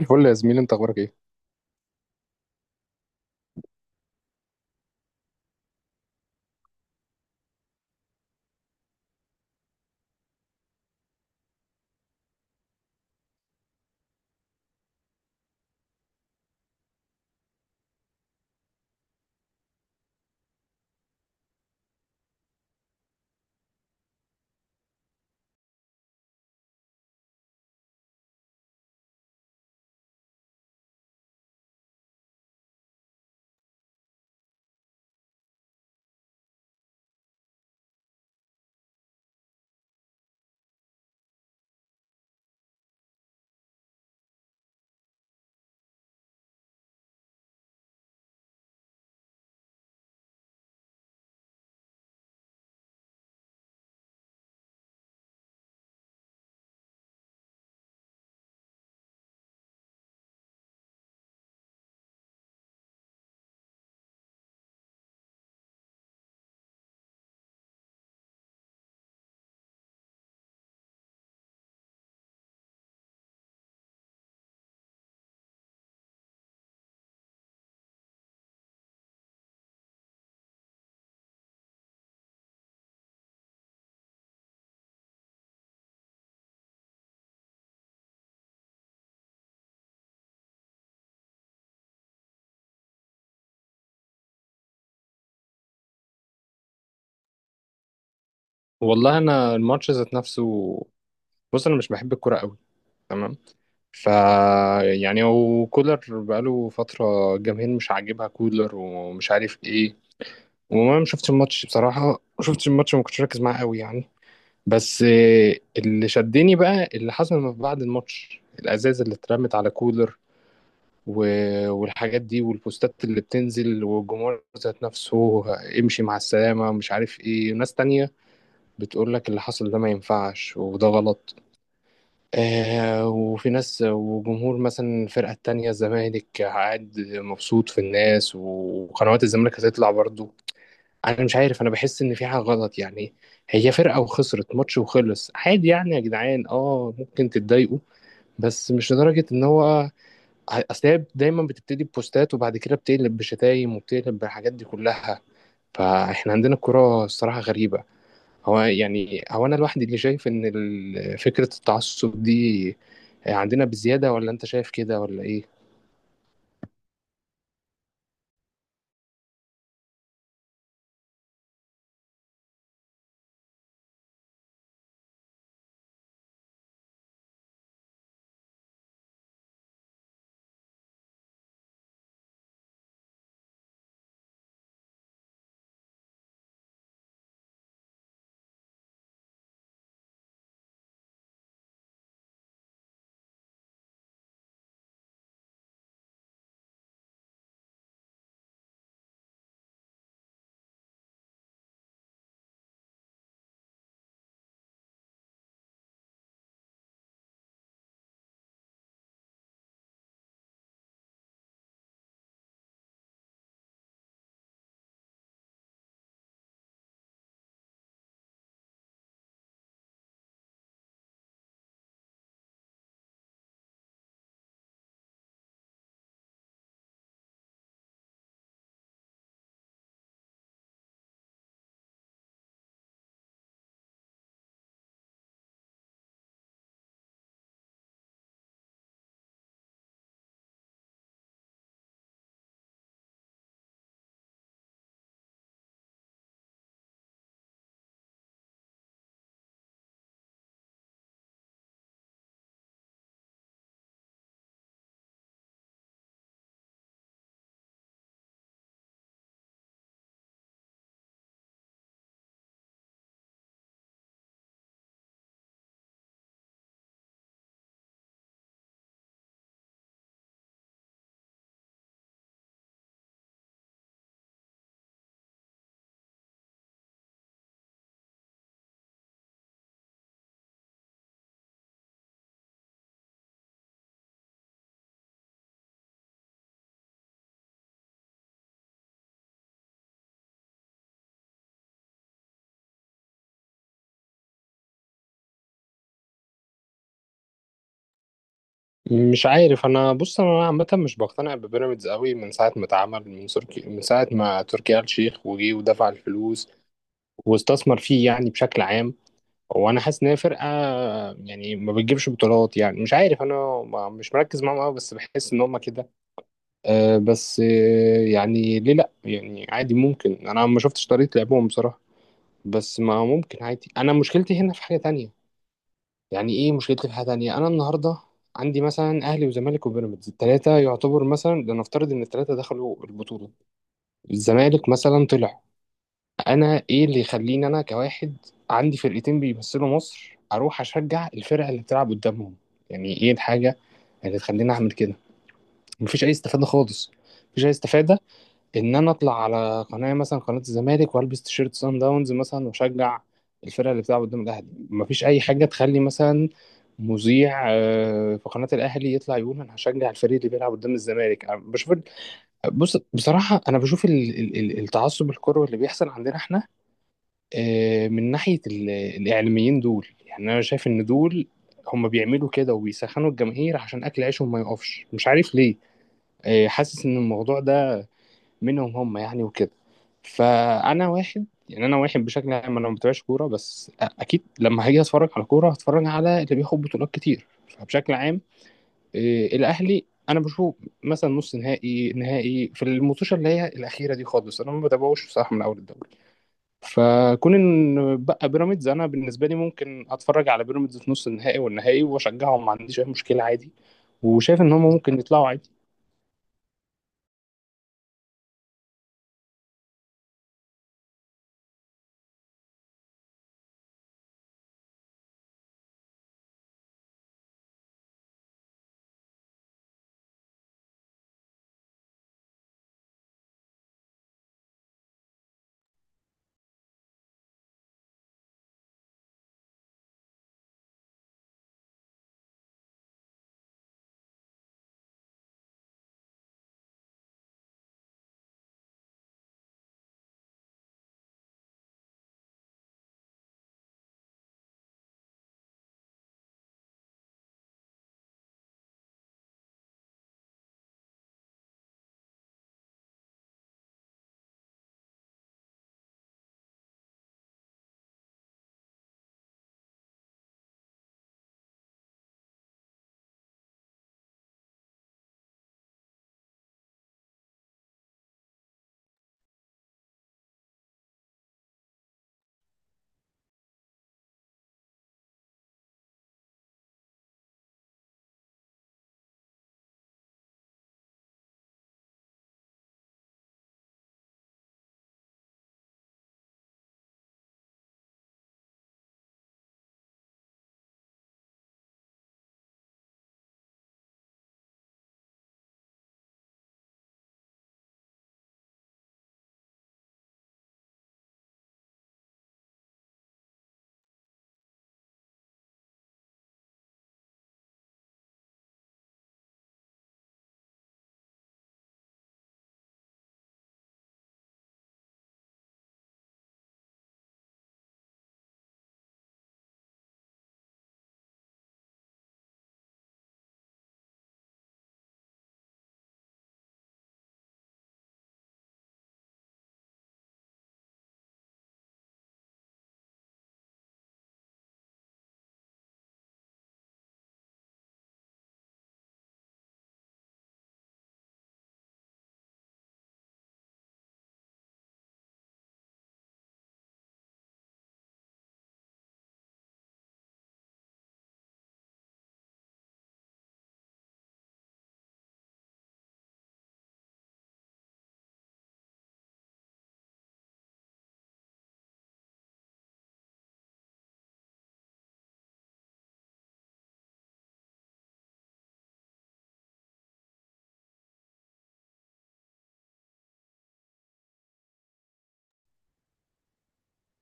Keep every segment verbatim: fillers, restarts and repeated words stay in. الفل يا زميلي، انت اخبارك ايه؟ والله انا الماتش ذات نفسه. بص، انا مش بحب الكوره قوي. تمام. ف يعني هو كولر بقاله فتره الجماهير مش عاجبها كولر ومش عارف ايه. وما شفتش الماتش بصراحه، ما شفتش الماتش وما كنتش ركز معاه قوي يعني. بس آه، اللي شدني بقى اللي حصل ما بعد الماتش، الازاز اللي اترمت على كولر و... والحاجات دي والبوستات اللي بتنزل والجمهور ذات نفسه، امشي مع السلامه مش عارف ايه، ناس تانية بتقول لك اللي حصل ده ما ينفعش وده غلط. آه، وفي ناس وجمهور مثلا الفرقة التانية، الزمالك قاعد مبسوط في الناس وقنوات الزمالك هتطلع برضو. أنا مش عارف، أنا بحس إن في حاجة غلط يعني. هي فرقة وخسرت ماتش وخلص عادي، يعني يا جدعان اه ممكن تتضايقوا، بس مش لدرجة إن هو. أصل هي دايما بتبتدي ببوستات وبعد كده بتقلب بشتايم وبتقلب بالحاجات دي كلها. فإحنا عندنا الكرة الصراحة غريبة. هو يعني هو انا لوحدي اللي شايف ان ال- فكرة التعصب دي عندنا بزيادة، ولا انت شايف كده ولا ايه؟ مش عارف انا. بص، انا عامه مش بقتنع ببيراميدز قوي من ساعه ما اتعمل، من تركي، من ساعه ما تركي آل الشيخ وجي ودفع الفلوس واستثمر فيه يعني بشكل عام. وانا حاسس ان هي فرقه يعني ما بتجيبش بطولات، يعني مش عارف انا. ما- مش مركز معاهم قوي، بس بحس ان هم كده. أه بس آه، يعني ليه لا؟ يعني عادي، ممكن انا ما شفتش طريقه لعبهم بصراحه. بس ما ممكن عادي. انا مشكلتي هنا في حاجه تانية. يعني ايه مشكلتي في حاجه تانية؟ انا النهارده عندي مثلا اهلي وزمالك وبيراميدز، الثلاثه يعتبر مثلا، لنفترض ان الثلاثه دخلوا البطوله، الزمالك مثلا طلع. انا ايه اللي يخليني انا كواحد عندي فرقتين بيمثلوا مصر اروح اشجع الفرقه اللي بتلعب قدامهم؟ يعني ايه الحاجه اللي تخليني اعمل كده؟ مفيش اي استفاده خالص، مفيش اي استفاده ان انا اطلع على قناه مثلا، قناه الزمالك، والبس تيشيرت سان داونز مثلا واشجع الفرقه اللي بتلعب قدام الاهلي. مفيش اي حاجه تخلي مثلا مذيع آه، في قناه الاهلي يطلع يقول انا هشجع الفريق اللي بيلعب قدام الزمالك. أنا بشوف ال- بص، بصراحه انا بشوف ال- ال- ال- التعصب الكروي اللي بيحصل عندنا احنا آه، من ناحيه ال- الاعلاميين دول، يعني انا شايف ان دول هم بيعملوا كده وبيسخنوا الجماهير عشان اكل عيشهم ما يقفش، مش عارف ليه. آه، حاسس ان الموضوع ده منهم هم يعني، وكده. فانا واحد يعني، انا واحد بشكل عام انا ما بتابعش كوره، بس اكيد لما هاجي اتفرج على كوره هتفرج على اللي بياخد بطولات كتير، فبشكل عام إيه، الاهلي انا بشوف مثلا نص نهائي نهائي في الماتشات اللي هي الاخيره دي خالص، انا ما بتابعوش بصراحه من اول الدوري. فكون ان بقى بيراميدز، انا بالنسبه لي ممكن اتفرج على بيراميدز في نص النهائي والنهائي واشجعهم، ما عنديش اي مشكله عادي. وشايف ان هم ممكن يطلعوا عادي.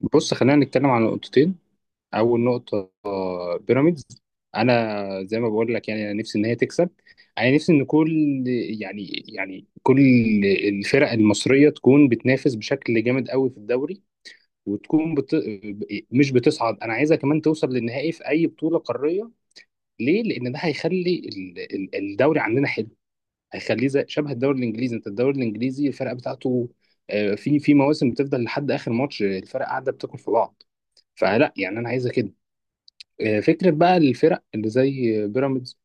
بص، خلينا نتكلم عن نقطتين. اول نقطه، بيراميدز. انا زي ما بقول لك يعني، انا نفسي ان هي تكسب. انا نفسي ان كل، يعني يعني كل الفرق المصريه تكون بتنافس بشكل جامد قوي في الدوري. وتكون بت... مش بتصعد، انا عايزها كمان توصل للنهائي في اي بطوله قاريه. ليه؟ لان ده هيخلي ال- ال- الدوري عندنا حلو، هيخليه زي شبه الدوري الانجليزي. انت الدوري الانجليزي الفرق بتاعته آه، في في مواسم بتفضل لحد اخر ماتش الفرق قاعده بتاكل في بعض. فلا يعني انا عايزه كده. آه، فكرة بقى الفرق اللي زي بيراميدز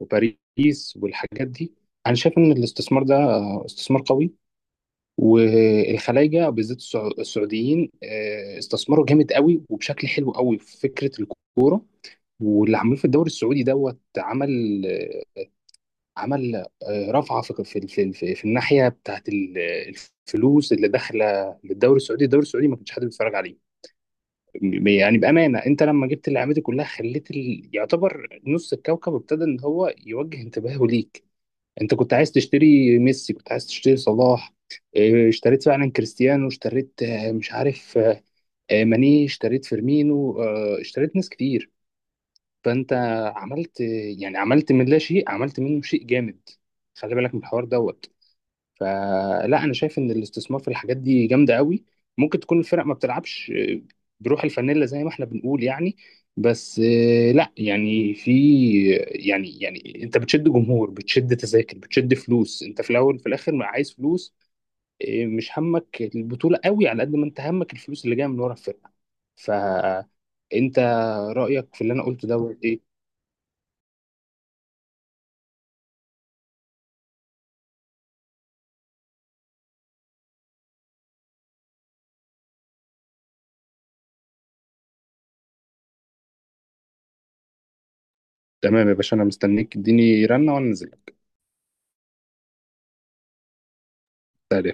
وباريس والحاجات دي، أنا شايف إن الاستثمار ده آه، استثمار قوي. والخلايجة بالذات السع- السعوديين آه، استثمروا جامد قوي وبشكل حلو قوي في فكرة الكورة، واللي عملوه في الدوري السعودي دوت. عمل آه، عمل آه، رفعة في في في, في, في الناحية بتاعت ال- الفلوس اللي داخلة للدوري السعودي. الدوري السعودي ما كانش حد بيتفرج عليه. يعني بأمانة، أنت لما جبت اللعيبة دي كلها خليت ال... يعتبر نص الكوكب ابتدى إن هو يوجه انتباهه ليك. أنت كنت عايز تشتري ميسي، كنت عايز تشتري صلاح إيه، اشتريت فعلا كريستيانو، اشتريت آه، مش عارف آه، آه، ماني، اشتريت فيرمينو آه، اشتريت ناس كتير. فأنت عملت، يعني عملت من لا شيء، عملت منه شيء جامد. خلي بالك من الحوار دوت. فلا انا شايف ان الاستثمار في الحاجات دي جامده قوي. ممكن تكون الفرق ما بتلعبش آه، بروح الفانيلا زي ما احنا بنقول يعني. بس آه، لا يعني في، يعني يعني انت بتشد جمهور بتشد تذاكر بتشد فلوس، انت في الاول في الاخر ما عايز فلوس آه، مش همك البطوله قوي على قد ما انت همك الفلوس اللي جايه من ورا الفرقه. فانت، رايك في اللي انا قلته ده ايه؟ تمام يا باشا، انا مستنيك، اديني رنه وانا نازل.